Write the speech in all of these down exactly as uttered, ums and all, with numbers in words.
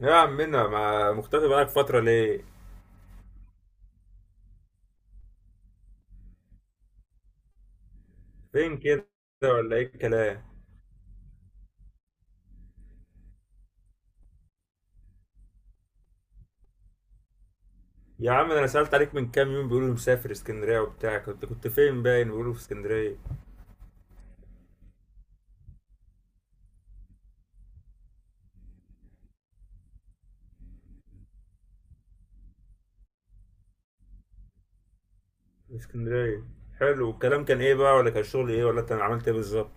يا عمنا ما مختفي بقالك فترة ليه؟ فين كده ولا ايه الكلام؟ يا عم ده انا سألت عليك من كام يوم، بيقولوا مسافر اسكندرية وبتاع. كنت كنت فين؟ باين بيقولوا في اسكندرية. في اسكندرية. حلو، والكلام كان ايه بقى؟ ولا كان شغل ايه؟ ولا انت عملت ايه بالظبط؟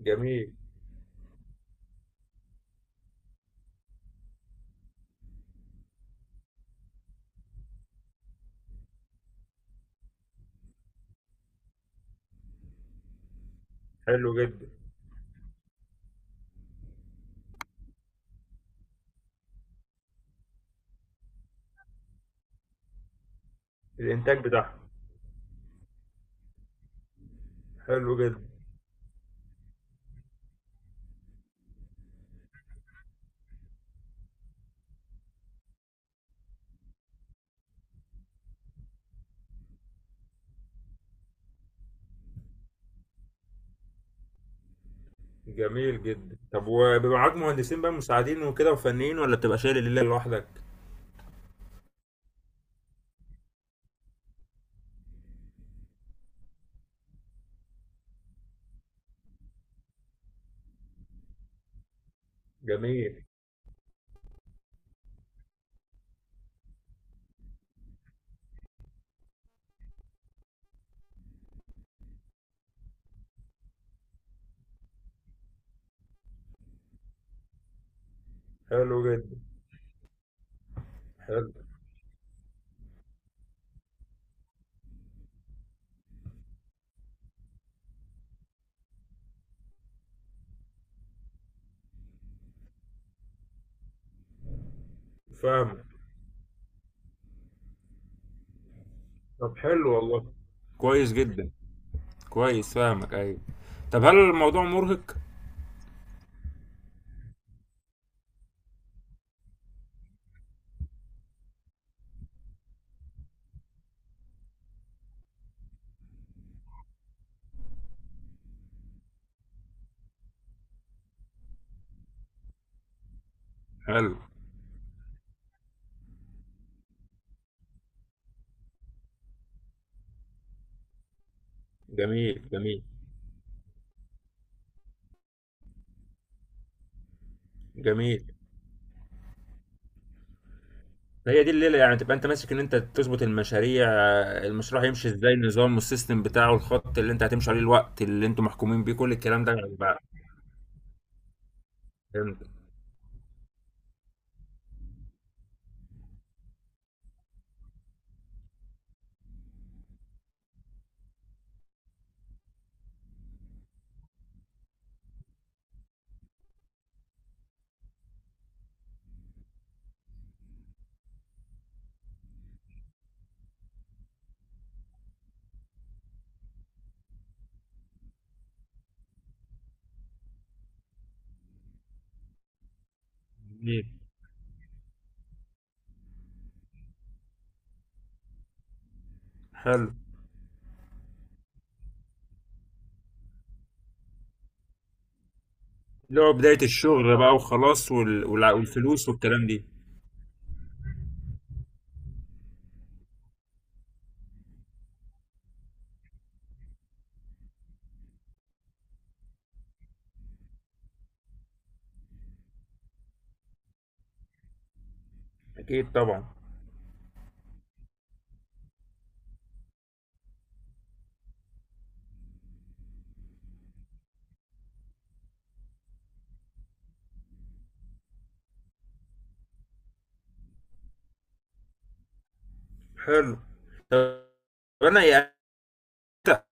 جميل. حلو جدا. الانتاج بتاعهم. حلو جدا. جميل جدا. طب وبيبقى معاك مهندسين بقى مساعدين وكده وفنيين، ولا بتبقى شايل الليلة لوحدك؟ جميل. حلو جدا. حلو. فاهمك. طب حلو والله. كويس جدا. كويس، فاهمك، ايوه. طب هل الموضوع مرهق؟ حلو. جميل. جميل. جميل. هي دي الليله يعني، تبقى انت ماسك ان انت تظبط المشاريع؟ المشروع هيمشي ازاي؟ النظام والسيستم بتاعه، الخط اللي انت هتمشي عليه، الوقت اللي انتوا محكومين بيه، كل الكلام ده يعني بقى. فهمت. جميل. حلو. اللي هو بدايه الشغل بقى وخلاص، وال... والع- والفلوس والكلام دي. اكيد طبعا. حلو. طب انا يعني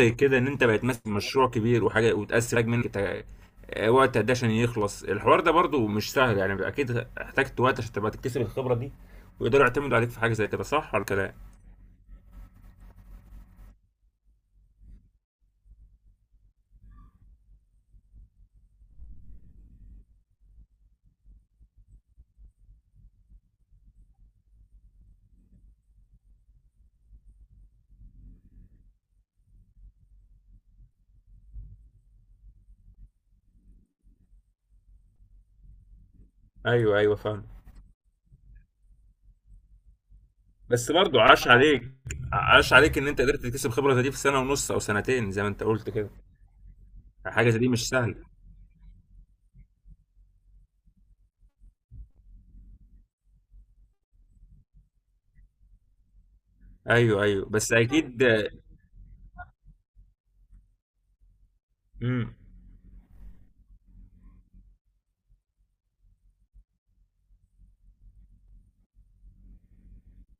زي كده ان انت بقت ماسك مشروع كبير وحاجه، وتقسم حاجه منك تع- وقت قد إيه عشان يخلص الحوار ده؟ برضو مش سهل يعني، اكيد احتجت وقت عشان تبقى تكتسب الخبره دي، ويقدروا يعتمدوا عليك في حاجه زي كده، صح ولا كلام؟ ايوه، ايوه، فاهم. بس برضو عاش عليك، عاش عليك ان انت قدرت تكتسب خبره زي دي في سنه ونص او سنتين زي ما انت قلت كده. حاجه زي دي مش سهله. ايوه، ايوه، بس اكيد. امم.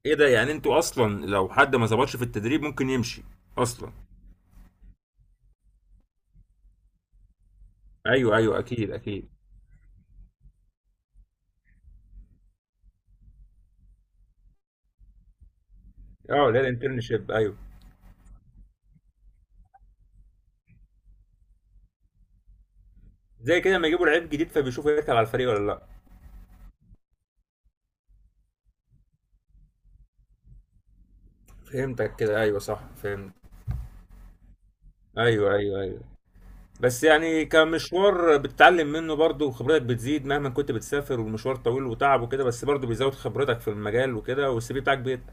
ايه ده؟ يعني انتوا اصلا لو حد ما ظبطش في التدريب ممكن يمشي اصلا؟ ايوه، ايوه، اكيد، اكيد. اه، لا، الانترنشيب، ايوه. زي كده لما يجيبوا لعيب جديد فبيشوفوا يركب على الفريق ولا لا. فهمتك كده، ايوه، صح، فهمت. ايوه، ايوه، ايوه. بس يعني كمشوار بتتعلم منه برضه، وخبرتك بتزيد مهما كنت بتسافر، والمشوار طويل وتعب وكده، بس برضه بيزود خبرتك في المجال وكده، والسي في بتاعك بيتقل.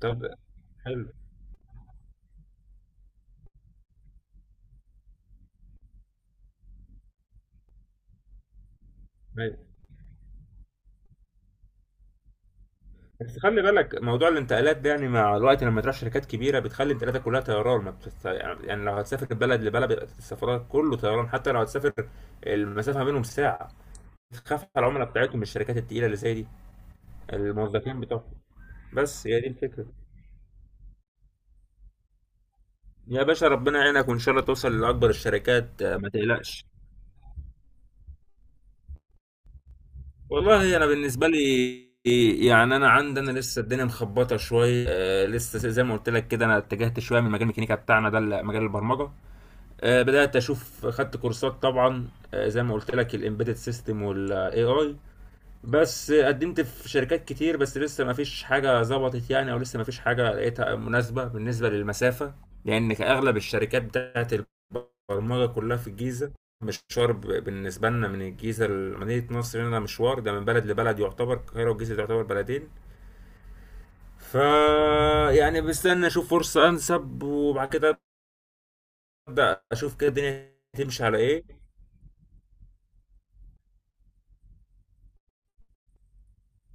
طب. حلو. ايوه. بس خلي بالك موضوع الانتقالات ده، يعني مع الوقت لما تروح شركات كبيره بتخلي انتقالاتك كلها طيران. ما بتست... يعني لو هتسافر من بلد لبلد بيبقى السفرات كله طيران، حتى لو هتسافر المسافه ما بينهم ساعه. تخاف على العملاء بتاعتهم من الشركات التقيله اللي زي دي، الموظفين بتوعهم. بس هي دي الفكرة. يا باشا، ربنا يعينك، وإن شاء الله توصل لأكبر الشركات. آه، ما تقلقش. والله أنا بالنسبة لي يعني، أنا عندي أنا لسه الدنيا مخبطة شوية. آه، لسه زي ما قلت لك كده، أنا اتجهت شوية من مجال الميكانيكا بتاعنا ده لمجال البرمجة. آه، بدأت أشوف، خدت كورسات طبعا. آه، زي ما قلت لك، الإمبيدد سيستم والإي آي. بس قدمت في شركات كتير، بس لسه ما فيش حاجة ظبطت يعني، او لسه ما فيش حاجة لقيتها مناسبة بالنسبة للمسافة، لان اغلب الشركات بتاعت البرمجة كلها في الجيزة. مشوار ب- بالنسبة لنا من الجيزة لمدينة نصر هنا، مشوار ده من بلد لبلد. يعتبر القاهرة والجيزة تعتبر بلدين. فا يعني بستنى اشوف فرصة انسب، وبعد كده ابدا اشوف كده الدنيا تمشي على ايه.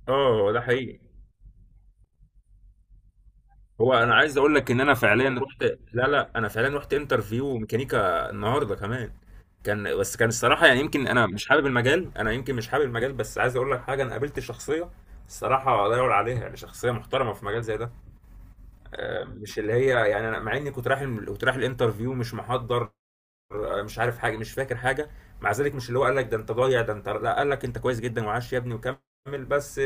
اه، ده حقيقي. هو انا عايز اقول لك ان انا فعليا رحت. لا، لا، انا فعليا رحت انترفيو ميكانيكا النهارده كمان. كان، بس كان الصراحه يعني، يمكن انا مش حابب المجال، انا يمكن مش حابب المجال، بس عايز اقول لك حاجه. انا قابلت شخصيه الصراحه لا يعلى عليها، يعني شخصيه محترمه في مجال زي ده. آه، مش اللي هي يعني، انا مع اني كنت رايح الم- كنت رايح الانترفيو مش محضر، آه، مش عارف حاجه، مش فاكر حاجه، مع ذلك مش اللي هو قال لك ده انت ضايع ده انت، لا، قال لك انت كويس جدا وعاش يا ابني وكمل، بس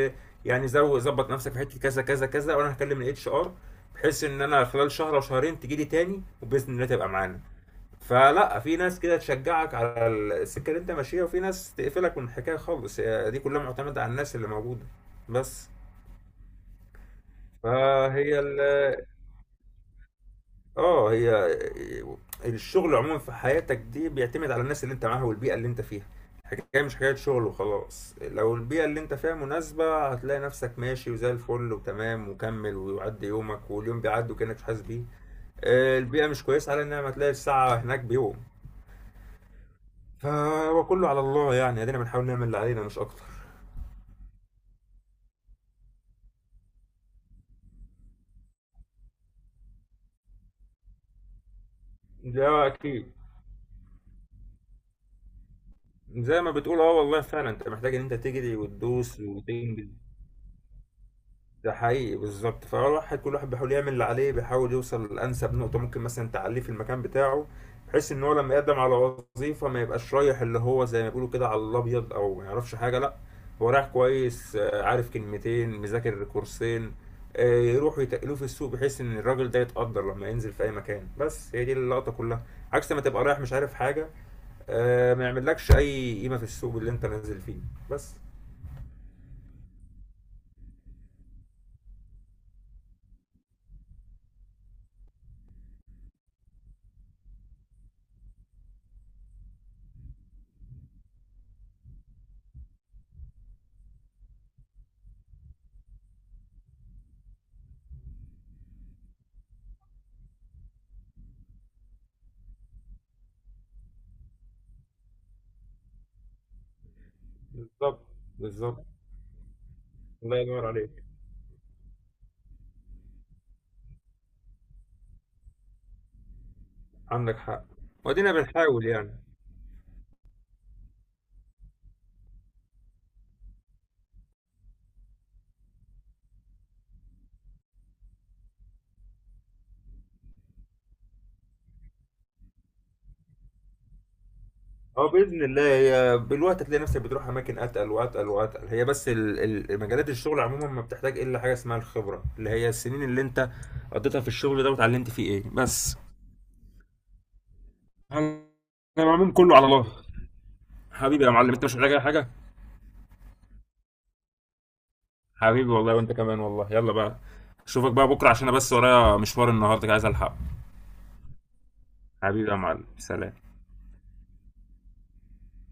يعني زو ظبط نفسك في حته كذا كذا كذا، وانا هكلم الاتش ار بحيث ان انا خلال شهر او شهرين تجي لي تاني، وباذن الله تبقى معانا. فلا، في ناس كده تشجعك على السكه اللي انت ماشيها، وفي ناس تقفلك من الحكايه خالص. هي دي كلها معتمده على الناس اللي موجوده بس. فهي ال- اه هي، آه، الشغل عموما في حياتك دي بيعتمد على الناس اللي انت معاها والبيئة اللي انت فيها. حكاية مش حكاية شغل وخلاص. لو البيئة اللي انت فيها مناسبة، هتلاقي نفسك ماشي وزي الفل وتمام وكمل ويعدي يومك، واليوم بيعدي وكأنك مش حاسس بيه. آه، البيئة مش كويسة، على انها ما تلاقي الساعة هناك بيوم. فهو كله على الله يعني، ادينا بنحاول نعمل اللي علينا مش اكتر. ده اكيد. زي ما بتقول، اه، والله فعلا انت محتاج ان انت تجري وتدوس وتنجز. ده حقيقي، بالظبط. فالواحد، كل واحد بيحاول يعمل اللي عليه، بيحاول يوصل لأنسب نقطة ممكن مثلا تعليه في المكان بتاعه، بحيث ان هو لما يقدم على وظيفة ما يبقاش رايح اللي هو زي ما بيقولوا كده على الابيض، او ما يعرفش حاجة. لا، هو رايح كويس، آه، عارف كلمتين، مذاكر كورسين، آه، يروحوا يتقلوه في السوق، بحيث ان الراجل ده يتقدر لما ينزل في اي مكان. بس هي دي اللقطة كلها، عكس ما تبقى رايح مش عارف حاجة، آه، ما يعملكش اي قيمة في السوق اللي انت نازل فيه. بس. بالظبط. بالظبط. الله ينور عليك. عندك حق. وادينا بنحاول يعني. اه، باذن الله، هي بالوقت هتلاقي نفسك بتروح اماكن اتقل واتقل واتقل. هي بس ال- ال- مجالات الشغل عموما ما بتحتاج الا حاجه اسمها الخبره، اللي هي السنين اللي انت قضيتها في الشغل ده واتعلمت فيه ايه. بس انا العموم كله على الله. حبيبي يا معلم، انت مش محتاج اي حاجه. حبيبي والله، وانت كمان والله. يلا بقى، اشوفك بقى بكره، عشان انا بس ورايا مشوار النهارده عايز الحقه. حبيبي يا معلم، سلام.